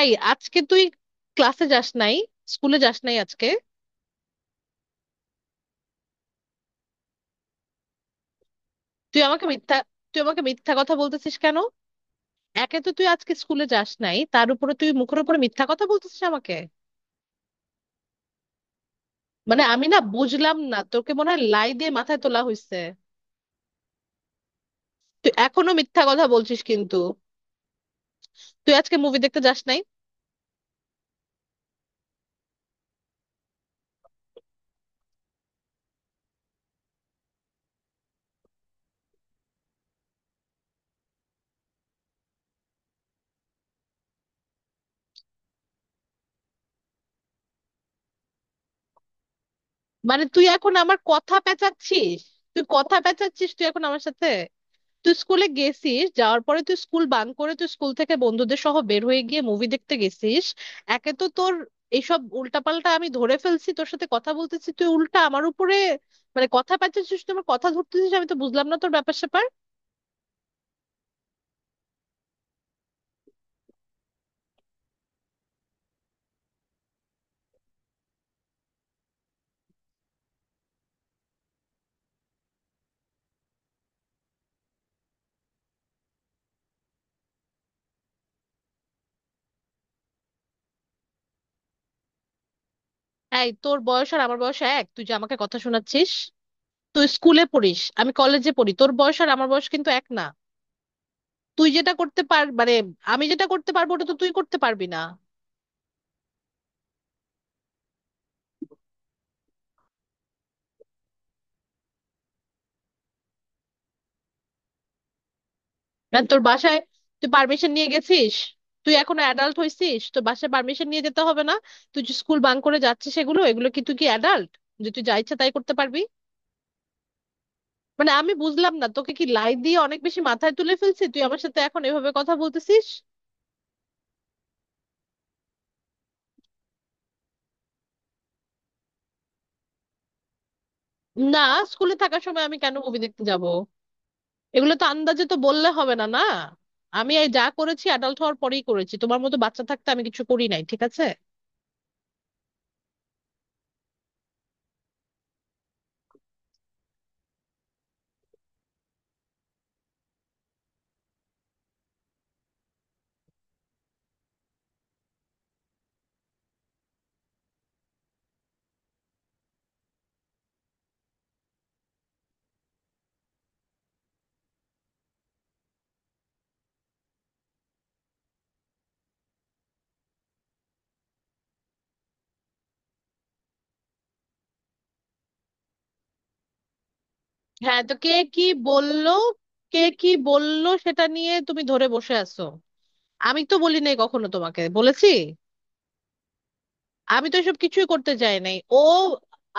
এই আজকে তুই ক্লাসে যাস নাই, স্কুলে যাস নাই আজকে? তুই আমাকে মিথ্যা তুই আমাকে মিথ্যা কথা বলতেছিস কেন? একে তো তুই আজকে স্কুলে যাস নাই, তার উপরে তুই মুখের উপরে মিথ্যা কথা বলতেছিস আমাকে। আমি না বুঝলাম না, তোকে মনে হয় লাই দিয়ে মাথায় তোলা হয়েছে। তুই এখনো মিথ্যা কথা বলছিস কিন্তু। তুই আজকে মুভি দেখতে যাস নাই? তুই এখন আমার কথা পেঁচাচ্ছিস। তুই কথা পেঁচাচ্ছিস, তুই এখন আমার সাথে। তুই স্কুলে গেছিস, যাওয়ার পরে তুই স্কুল বাঙ্ক করে, তুই স্কুল থেকে বন্ধুদের সহ বের হয়ে গিয়ে মুভি দেখতে গেছিস। একে তো তোর এইসব উল্টাপাল্টা আমি ধরে ফেলছি, তোর সাথে কথা বলতেছি, তুই উল্টা আমার উপরে কথা পাচ্ছিস, তুই আমার কথা ধরতেছিস। আমি তো বুঝলাম না তোর ব্যাপার স্যাপার। এই তোর বয়স আর আমার বয়স এক, তুই যে আমাকে কথা শোনাচ্ছিস? তুই স্কুলে পড়িস, আমি কলেজে পড়ি, তোর বয়স আর আমার বয়স কিন্তু এক না। তুই যেটা করতে পার মানে আমি যেটা করতে পারবো ওটা তো তুই করতে পারবি না। আর তোর বাসায় তুই পারমিশন নিয়ে গেছিস? তুই এখনো অ্যাডাল্ট হইছিস? তোর বাসায় পারমিশন নিয়ে যেতে হবে না? তুই যে স্কুল বাঙ্ক করে যাচ্ছিস, এগুলো এগুলো কি, তুই কি অ্যাডাল্ট যে তুই যা ইচ্ছা তাই করতে পারবি? আমি বুঝলাম না, তোকে কি লাই দিয়ে অনেক বেশি মাথায় তুলে ফেলছি, তুই আমার সাথে এখন এভাবে কথা বলতেছিস? না, স্কুলে থাকার সময় আমি কেন মুভি দেখতে যাব? এগুলো তো আন্দাজে তো বললে হবে না না। আমি এই যা করেছি অ্যাডাল্ট হওয়ার পরেই করেছি, তোমার মতো বাচ্চা থাকতে আমি কিছু করি নাই, ঠিক আছে? হ্যাঁ তো বললো কে কি বললো সেটা নিয়ে তুমি ধরে বসে আছো। আমি তো বলি নাই কখনো তোমাকে বলেছি, আমি তো এসব কিছুই করতে চাই নাই ও।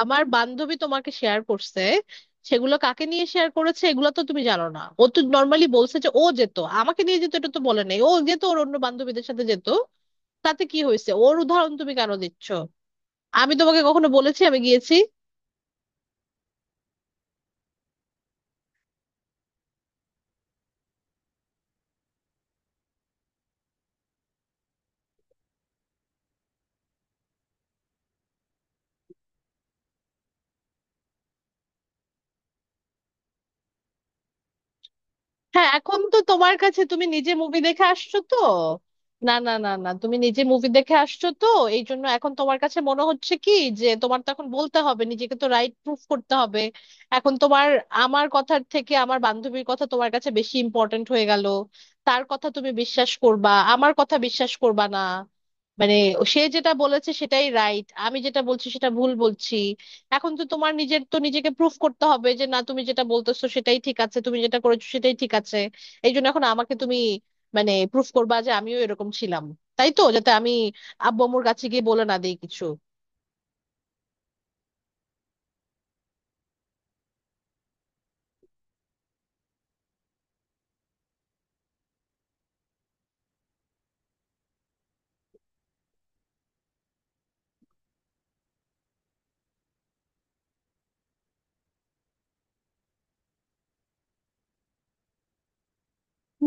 আমার বান্ধবী তোমাকে শেয়ার করছে সেগুলো কাকে নিয়ে শেয়ার করেছে এগুলো তো তুমি জানো না। ও তো নর্মালি বলছে যে ও যেত আমাকে নিয়ে যেত, এটা তো বলে নাই। ও যেত ওর অন্য বান্ধবীদের সাথে যেত, তাতে কি হয়েছে? ওর উদাহরণ তুমি কেন দিচ্ছ? আমি তোমাকে কখনো বলেছি আমি গিয়েছি? হ্যাঁ, এখন তো তোমার কাছে, তুমি নিজে মুভি দেখে আসছো তো। না না না না তুমি নিজে মুভি দেখে আসছো তো, এই জন্য এখন তোমার কাছে মনে হচ্ছে কি যে তোমার তো এখন বলতে হবে, নিজেকে তো রাইট প্রুফ করতে হবে। এখন তোমার আমার কথার থেকে আমার বান্ধবীর কথা তোমার কাছে বেশি ইম্পর্ট্যান্ট হয়ে গেল। তার কথা তুমি বিশ্বাস করবা, আমার কথা বিশ্বাস করবা না। মানে সে যেটা বলেছে সেটাই রাইট, আমি যেটা বলছি সেটা ভুল বলছি। এখন তো তোমার নিজের তো নিজেকে প্রুফ করতে হবে যে না, তুমি যেটা বলতেছো সেটাই ঠিক আছে, তুমি যেটা করেছো সেটাই ঠিক আছে। এই জন্য এখন আমাকে তুমি প্রুফ করবা যে আমিও এরকম ছিলাম, তাই তো, যাতে আমি আব্বু আম্মুর কাছে গিয়ে বলে না দিই কিছু।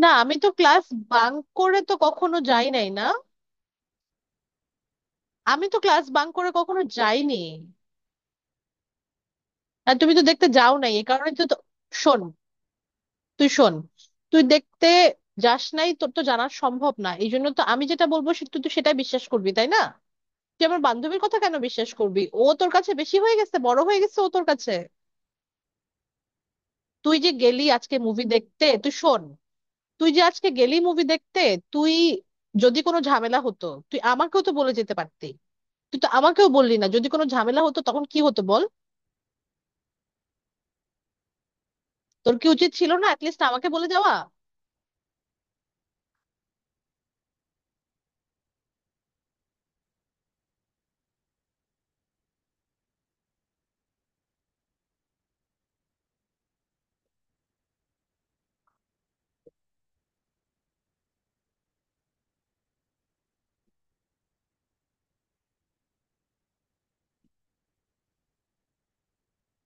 না আমি তো ক্লাস বাঙ্ক করে তো কখনো যাই নাই না, আমি তো ক্লাস বাঙ্ক করে কখনো যাইনি। আর তুমি তো দেখতে যাও নাই, এই কারণে তো তো- শোন, তুই শোন, তুই দেখতে যাস নাই, তোর তো জানা সম্ভব না। এই জন্য তো আমি যেটা বলবো তুই তো সেটা বিশ্বাস করবি, তাই না? তুই আমার বান্ধবীর কথা কেন বিশ্বাস করবি? ও তোর কাছে বেশি হয়ে গেছে, বড় হয়ে গেছে ও তোর কাছে। তুই যে গেলি আজকে মুভি দেখতে, তুই শোন, তুই যে আজকে গেলি মুভি দেখতে, তুই যদি কোনো ঝামেলা হতো তুই আমাকেও তো বলে যেতে পারতি। তুই তো আমাকেও বললি না, যদি কোনো ঝামেলা হতো তখন কি হতো বল? তোর কি উচিত ছিল না অ্যাটলিস্ট আমাকে বলে যাওয়া?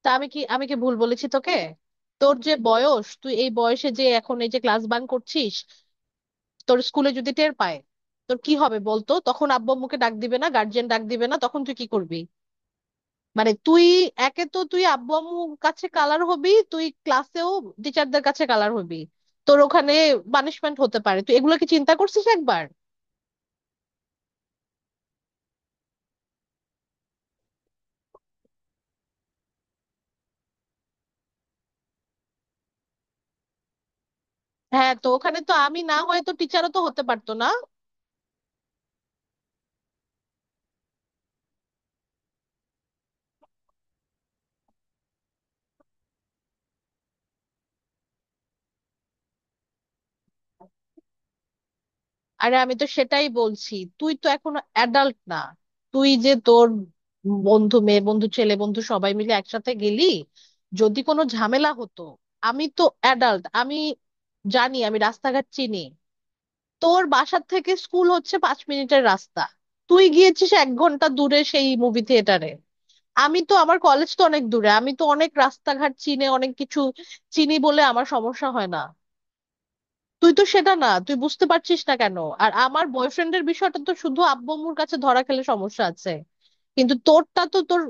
তা আমি কি, ভুল বলেছি তোকে? তোর যে বয়স, তুই এই বয়সে যে এখন এই যে ক্লাস বাঙ্ক করছিস, তোর স্কুলে যদি টের পায় তোর কি হবে বলতো? তখন আব্বু আম্মুকে ডাক দিবে না, গার্জিয়ান ডাক দিবে না? তখন তুই কি করবি? মানে তুই একে তো তুই আব্বু আম্মুর কাছে কালার হবি, তুই ক্লাসেও টিচারদের কাছে কালার হবি, তোর ওখানে পানিশমেন্ট হতে পারে। তুই এগুলো কি চিন্তা করছিস একবার? হ্যাঁ, তো ওখানে তো আমি না হয়, তো টিচারও তো হতে পারতো না? আরে আমি তো সেটাই বলছি, তুই তো এখনো অ্যাডাল্ট না। তুই যে তোর বন্ধু, মেয়ে বন্ধু, ছেলে বন্ধু সবাই মিলে একসাথে গেলি, যদি কোনো ঝামেলা হতো? আমি তো অ্যাডাল্ট, আমি জানি, আমি রাস্তাঘাট চিনি। তোর বাসার থেকে স্কুল হচ্ছে 5 মিনিটের রাস্তা, তুই গিয়েছিস 1 ঘন্টা দূরে সেই মুভি থিয়েটারে। আমি তো, আমার কলেজ তো অনেক দূরে, আমি তো অনেক রাস্তাঘাট চিনে, অনেক কিছু চিনি বলে আমার সমস্যা হয় না। তুই তো সেটা না, তুই বুঝতে পারছিস না কেন? আর আমার বয়ফ্রেন্ডের বিষয়টা তো শুধু আব্বু আম্মুর কাছে ধরা খেলে সমস্যা আছে, কিন্তু তোরটা তো তোর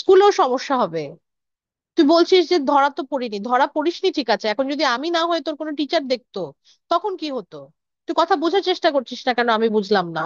স্কুলেও সমস্যা হবে। তুই বলছিস যে ধরা তো পড়িনি, ধরা পড়িসনি ঠিক আছে, এখন যদি আমি না হয়ে তোর কোনো টিচার দেখতো তখন কি হতো? তুই কথা বোঝার চেষ্টা করছিস না কেন, আমি বুঝলাম না।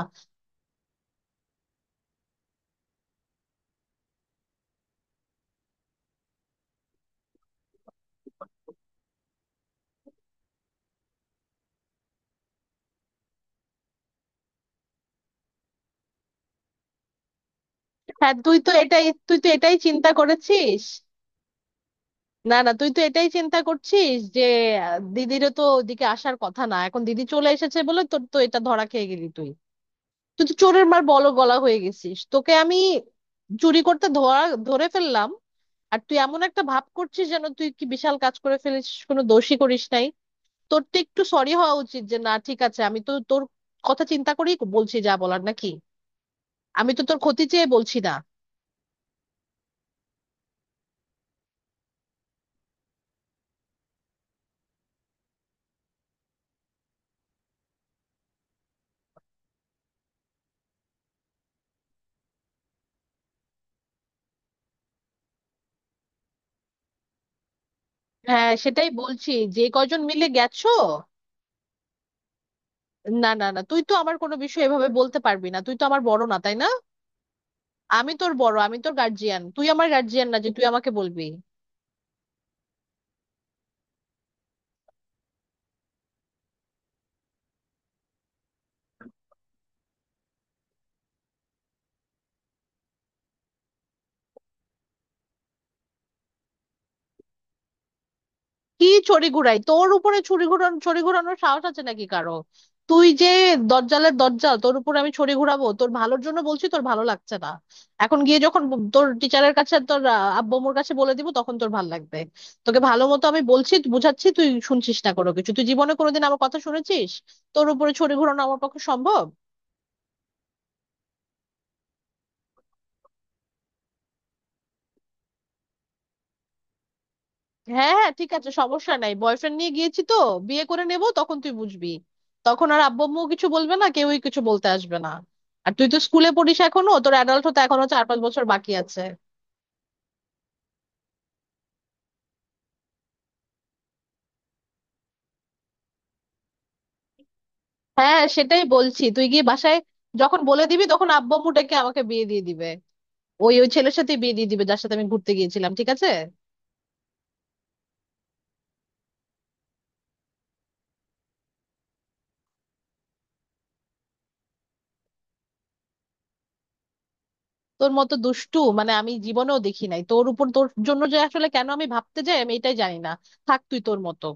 হ্যাঁ তুই তো এটাই তুই তো এটাই চিন্তা করেছিস। না না তুই তো এটাই চিন্তা করছিস যে দিদিরও তো ওদিকে আসার কথা না, এখন দিদি চলে এসেছে বলে তোর তো এটা ধরা খেয়ে গেলি তুই। তুই তো চোরের মার বল গলা হয়ে গেছিস, তোকে আমি চুরি করতে ধরা ধরে ফেললাম, আর তুই এমন একটা ভাব করছিস যেন তুই কি বিশাল কাজ করে ফেলিস, কোনো দোষই করিস নাই। তোর তো একটু সরি হওয়া উচিত যে না ঠিক আছে, আমি তো তোর কথা চিন্তা করেই বলছি যা বলার, নাকি? আমি তো তোর ক্ষতি চেয়ে বলছি না। হ্যাঁ সেটাই বলছি, যে কয়জন মিলে গেছো? না না না তুই তো আমার কোনো বিষয় এভাবে বলতে পারবি না, তুই তো আমার বড় না, তাই না? আমি তোর বড়, আমি তোর গার্জিয়ান, তুই আমার গার্জিয়ান না যে তুই আমাকে বলবি। কি ছড়ি ঘুরাই তোর উপরে? ছুরি ঘুরানো, ছড়ি ঘুরানোর সাহস আছে নাকি কারো? তুই যে দজ্জালের দজ্জাল, তোর উপরে আমি ছড়ি ঘুরাবো? তোর ভালোর জন্য বলছি, তোর ভালো লাগছে না। এখন গিয়ে যখন তোর টিচারের কাছে, তোর আব্বু আম্মুর কাছে বলে দিব তখন তোর ভালো লাগবে। তোকে ভালো মতো আমি বলছি বুঝাচ্ছি, তুই শুনছিস না কোনো কিছু। তুই জীবনে কোনোদিন আমার কথা শুনেছিস? তোর উপরে ছড়ি ঘুরানো আমার পক্ষে সম্ভব। হ্যাঁ হ্যাঁ ঠিক আছে, সমস্যা নাই, বয়ফ্রেন্ড নিয়ে গিয়েছি তো, বিয়ে করে নেব, তখন তুই বুঝবি। তখন আর আব্বু আম্মুও কিছু বলবে না, কেউই কিছু বলতে আসবে না। আর তুই তো স্কুলে পড়িস এখনো, তোর অ্যাডাল্ট হতে এখনো 4-5 বছর বাকি আছে। হ্যাঁ সেটাই বলছি, তুই গিয়ে বাসায় যখন বলে দিবি তখন আব্বু আম্মু ডেকে আমাকে বিয়ে দিয়ে দিবে, ওই ওই ছেলের সাথে বিয়ে দিয়ে দিবে যার সাথে আমি ঘুরতে গিয়েছিলাম, ঠিক আছে? তোর মতো দুষ্টু আমি জীবনেও দেখি নাই। তোর উপর, তোর জন্য যে আসলে কেন আমি ভাবতে যাই আমি এটাই জানি না। থাক তুই তোর মতো।